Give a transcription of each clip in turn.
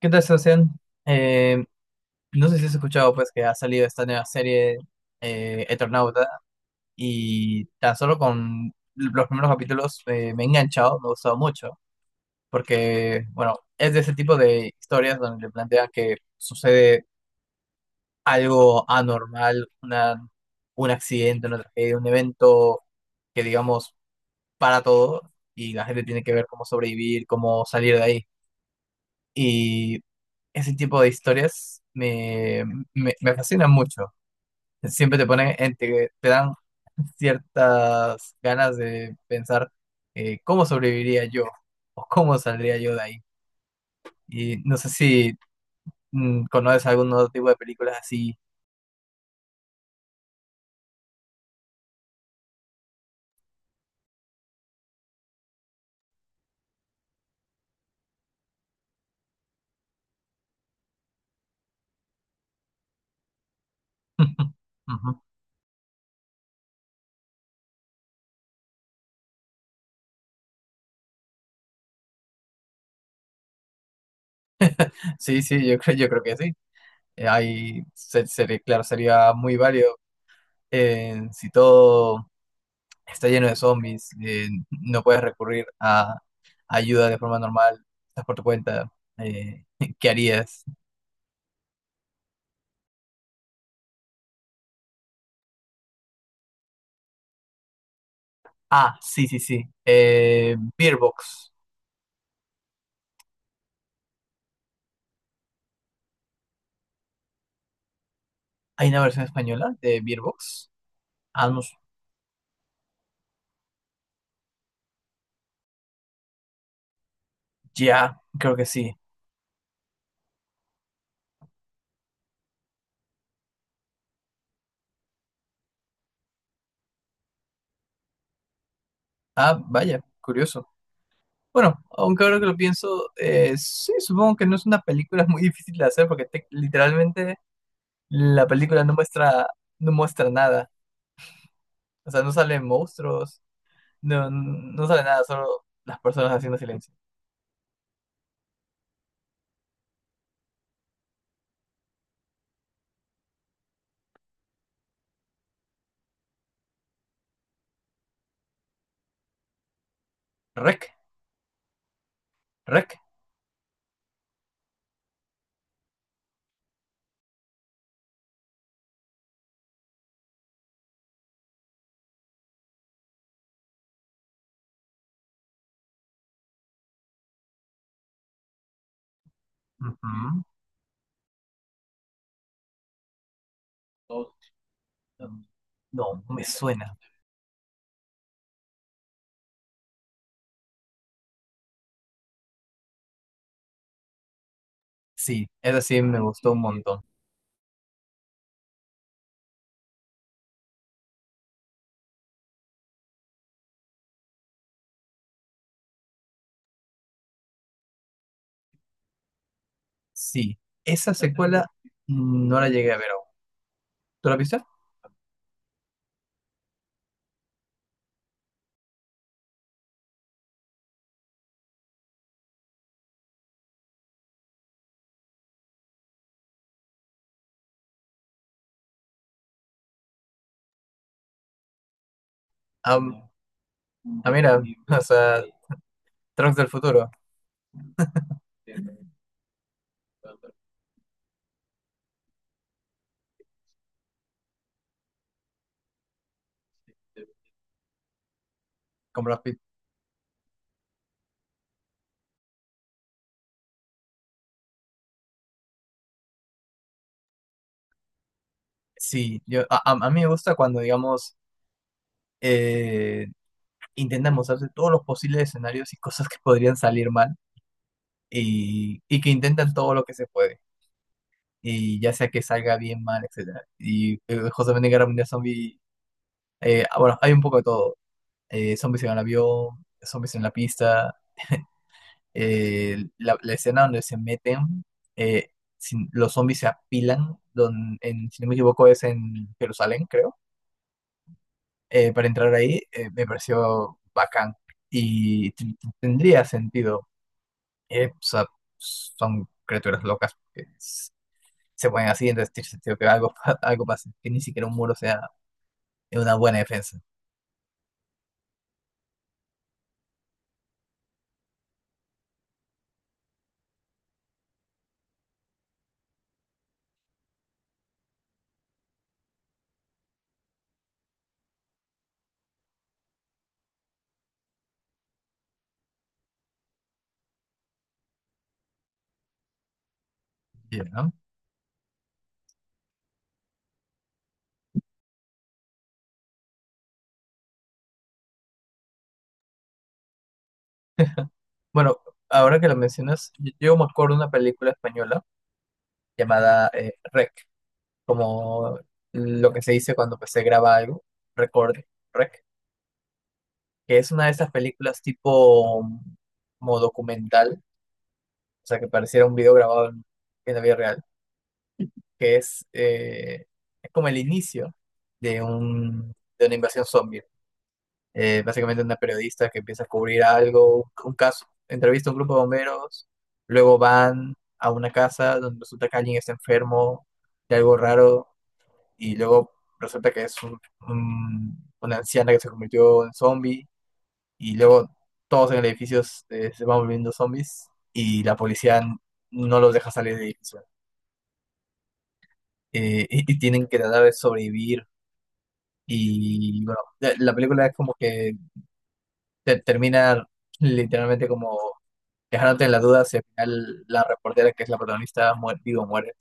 ¿Qué tal, Sebastián? Eh, no sé si has escuchado pues que ha salido esta nueva serie, Eternauta, y tan solo con los primeros capítulos me he enganchado, me ha gustado mucho, porque bueno, es de ese tipo de historias donde te plantean que sucede algo anormal, una, un accidente, una tragedia, un evento que digamos para todo y la gente tiene que ver cómo sobrevivir, cómo salir de ahí. Y ese tipo de historias me fascinan mucho. Siempre te ponen, te dan ciertas ganas de pensar, cómo sobreviviría yo o cómo saldría yo de ahí. Y no sé si conoces algún otro tipo de películas así. Ujú. Sí, sí, yo creo que sí. Ahí, claro, sería muy válido. Si todo está lleno de zombies, no puedes recurrir a ayuda de forma normal, estás por tu cuenta. eh, ¿qué harías? Ah, sí, sí, sí. Beerbox. ¿Hay una versión española de Beerbox? Ah, no s- Ya, creo que sí. Ah, vaya, curioso. Bueno, aunque ahora que lo pienso, sí, supongo que no es una película muy difícil de hacer porque literalmente la película no muestra, no muestra nada. O sea, no salen monstruos. No, no sale nada, solo las personas haciendo silencio. Rec, rec. Ujú. No, me suena. Sí, esa sí me gustó un montón. Sí, esa secuela no la llegué a ver aún. ¿Tú la viste? Ah, ah, mira, o sea, Trunks del futuro, con Brad Pitt. Sí, yo, a mí me gusta cuando, digamos, eh, intentan mostrarse todos los posibles escenarios y cosas que podrían salir mal y que intentan todo lo que se puede, y ya sea que salga bien, mal, etcétera. Y justamente en Guerra Mundial Zombie, ah, bueno, hay un poco de todo. Zombies en el avión, zombies en la pista, la, la escena donde se meten, eh, los zombies se apilan, en, si no me equivoco es en Jerusalén, creo. Para entrar ahí, me pareció bacán y tendría sentido. O sea, son criaturas locas que se ponen así, entonces tiene sentido que algo, algo pase, que ni siquiera un muro sea. Es una buena defensa. Ya. Bueno, ahora que lo mencionas, yo me acuerdo de una película española llamada, Rec, como lo que se dice cuando pues, se graba algo, recorde, Rec, que es una de esas películas tipo como documental, o sea, que pareciera un video grabado en la vida real, que es como el inicio de, un, de una invasión zombie. Básicamente una periodista que empieza a cubrir algo, un caso, entrevista a un grupo de bomberos, luego van a una casa donde resulta que alguien está enfermo de algo raro y luego resulta que es una anciana que se convirtió en zombie y luego todos en el edificio, se van volviendo zombies y la policía no los deja salir del edificio. Y, y tienen que tratar de sobrevivir y bueno, la película es como que termina literalmente como dejándote en la duda si al final la reportera que es la protagonista muere, vivo o muere.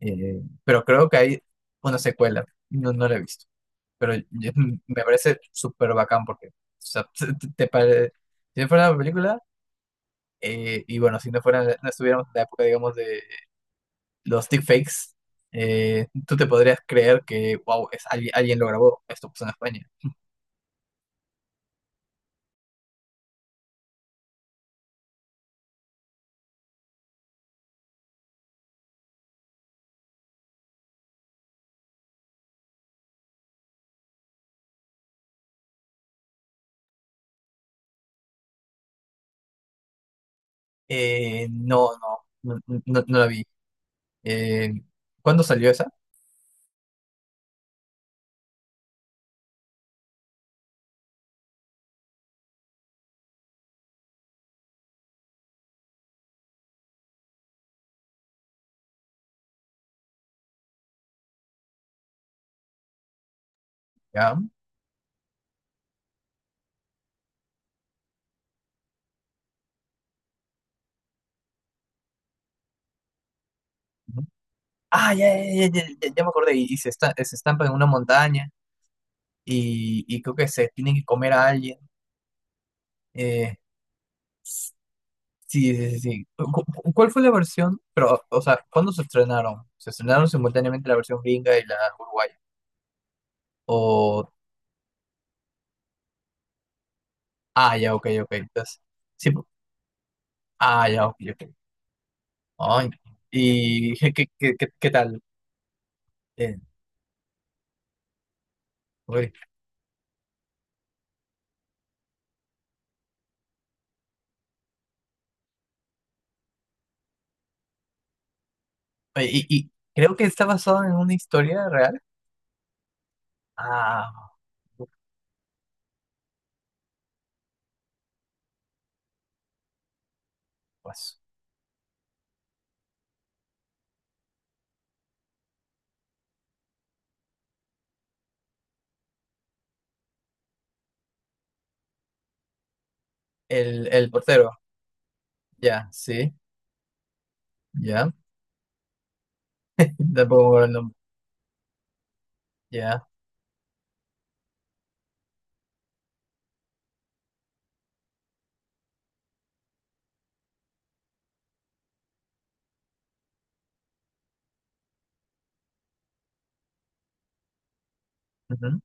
Pero creo que hay una secuela, no, no la he visto, pero me parece súper bacán porque, o sea, te- te pare- si no fuera una película, y bueno, si no fuera, no estuviéramos en la época, digamos, de los deepfakes, tú te podrías creer que, wow, es, alguien, alguien lo grabó, esto pasó en España. No, no, no, no, no la vi. Eh, ¿Cuándo salió esa? ¿Ya? Ah, ya, ya, ya, ya, ya me acordé. Y se, se estampan en una montaña y creo que se tienen que comer a alguien. Eh, sí, sí, sí, sí. ¿Cuál fue la versión? Pero, o sea, ¿cuándo se estrenaron? ¿Se estrenaron simultáneamente la versión gringa y la uruguaya? O, ah, ya, ok, ok. Entonces, sí, ah, ya, ok, ok. Ay, ¿y qué, qué, qué, qué tal? Eh, uy. Oye, y creo que está basado en una historia real. Ah, pues, el portero, ya, sí. Ya, de pongo el nombre. Ya, ujú,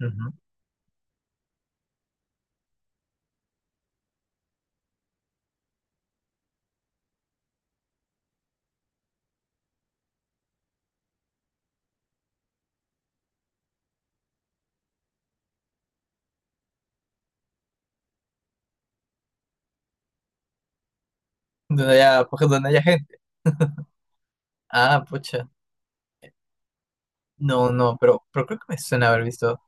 ujú. Donde haya, pues, donde haya gente. Ah, pucha. No, no, pero creo que me suena haber visto,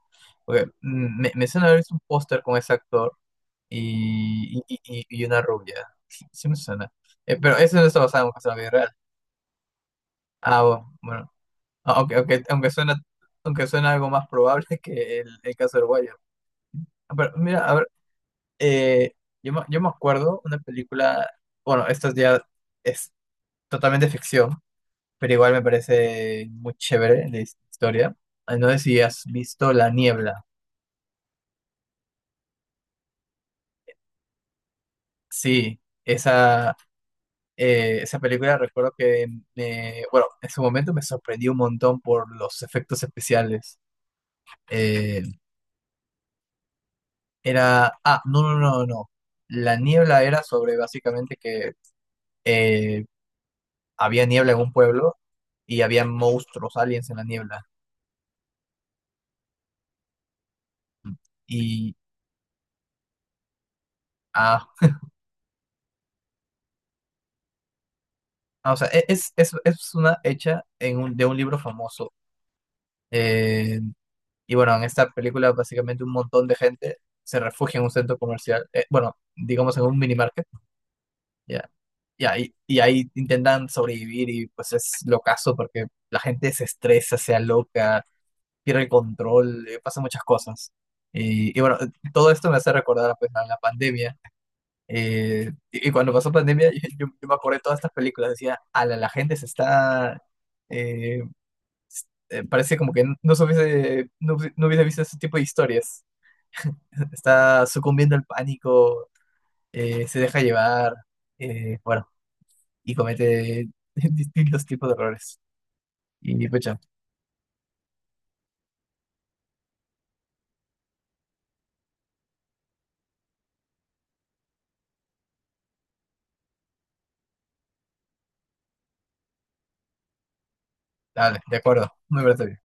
porque me suena haber visto un póster con ese actor y, y una rubia. Sí, sí me suena. Pero eso no está basado en un caso de la vida real. Ah, bueno. Ah, aunque, aunque, aunque suena algo más probable que el caso del Wire. Ah, pero mira, a ver, eh, yo, yo me acuerdo una película. Bueno, esto ya es totalmente ficción, pero igual me parece muy chévere la historia. Ah, no sé si has visto La Niebla. Sí, esa, esa película recuerdo que, bueno, en su momento me sorprendió un montón por los efectos especiales. Eh, Era, ah, no, no, no, no. La Niebla era sobre básicamente que eh, había niebla en un pueblo y había monstruos, aliens en la niebla. Y, ah, ah, o sea, es una hecha en un, de un libro famoso. Eh, Y bueno, en esta película básicamente un montón de gente se refugia en un centro comercial, bueno, digamos en un minimarket, ya, ya, y ahí intentan sobrevivir y pues es locazo porque la gente se estresa, se aloca, pierde el control, pasan muchas cosas. Y bueno, todo esto me hace recordar pues, a la pandemia. Y, y cuando pasó pandemia, yo me acordé de todas estas películas, decía, a la, la gente se está... eh, parece como que no, se hubiese, no, no hubiese visto ese tipo de historias. Está sucumbiendo al pánico, se deja llevar, bueno, y comete distintos tipos de errores. Y pucha, dale, de acuerdo, me parece bien.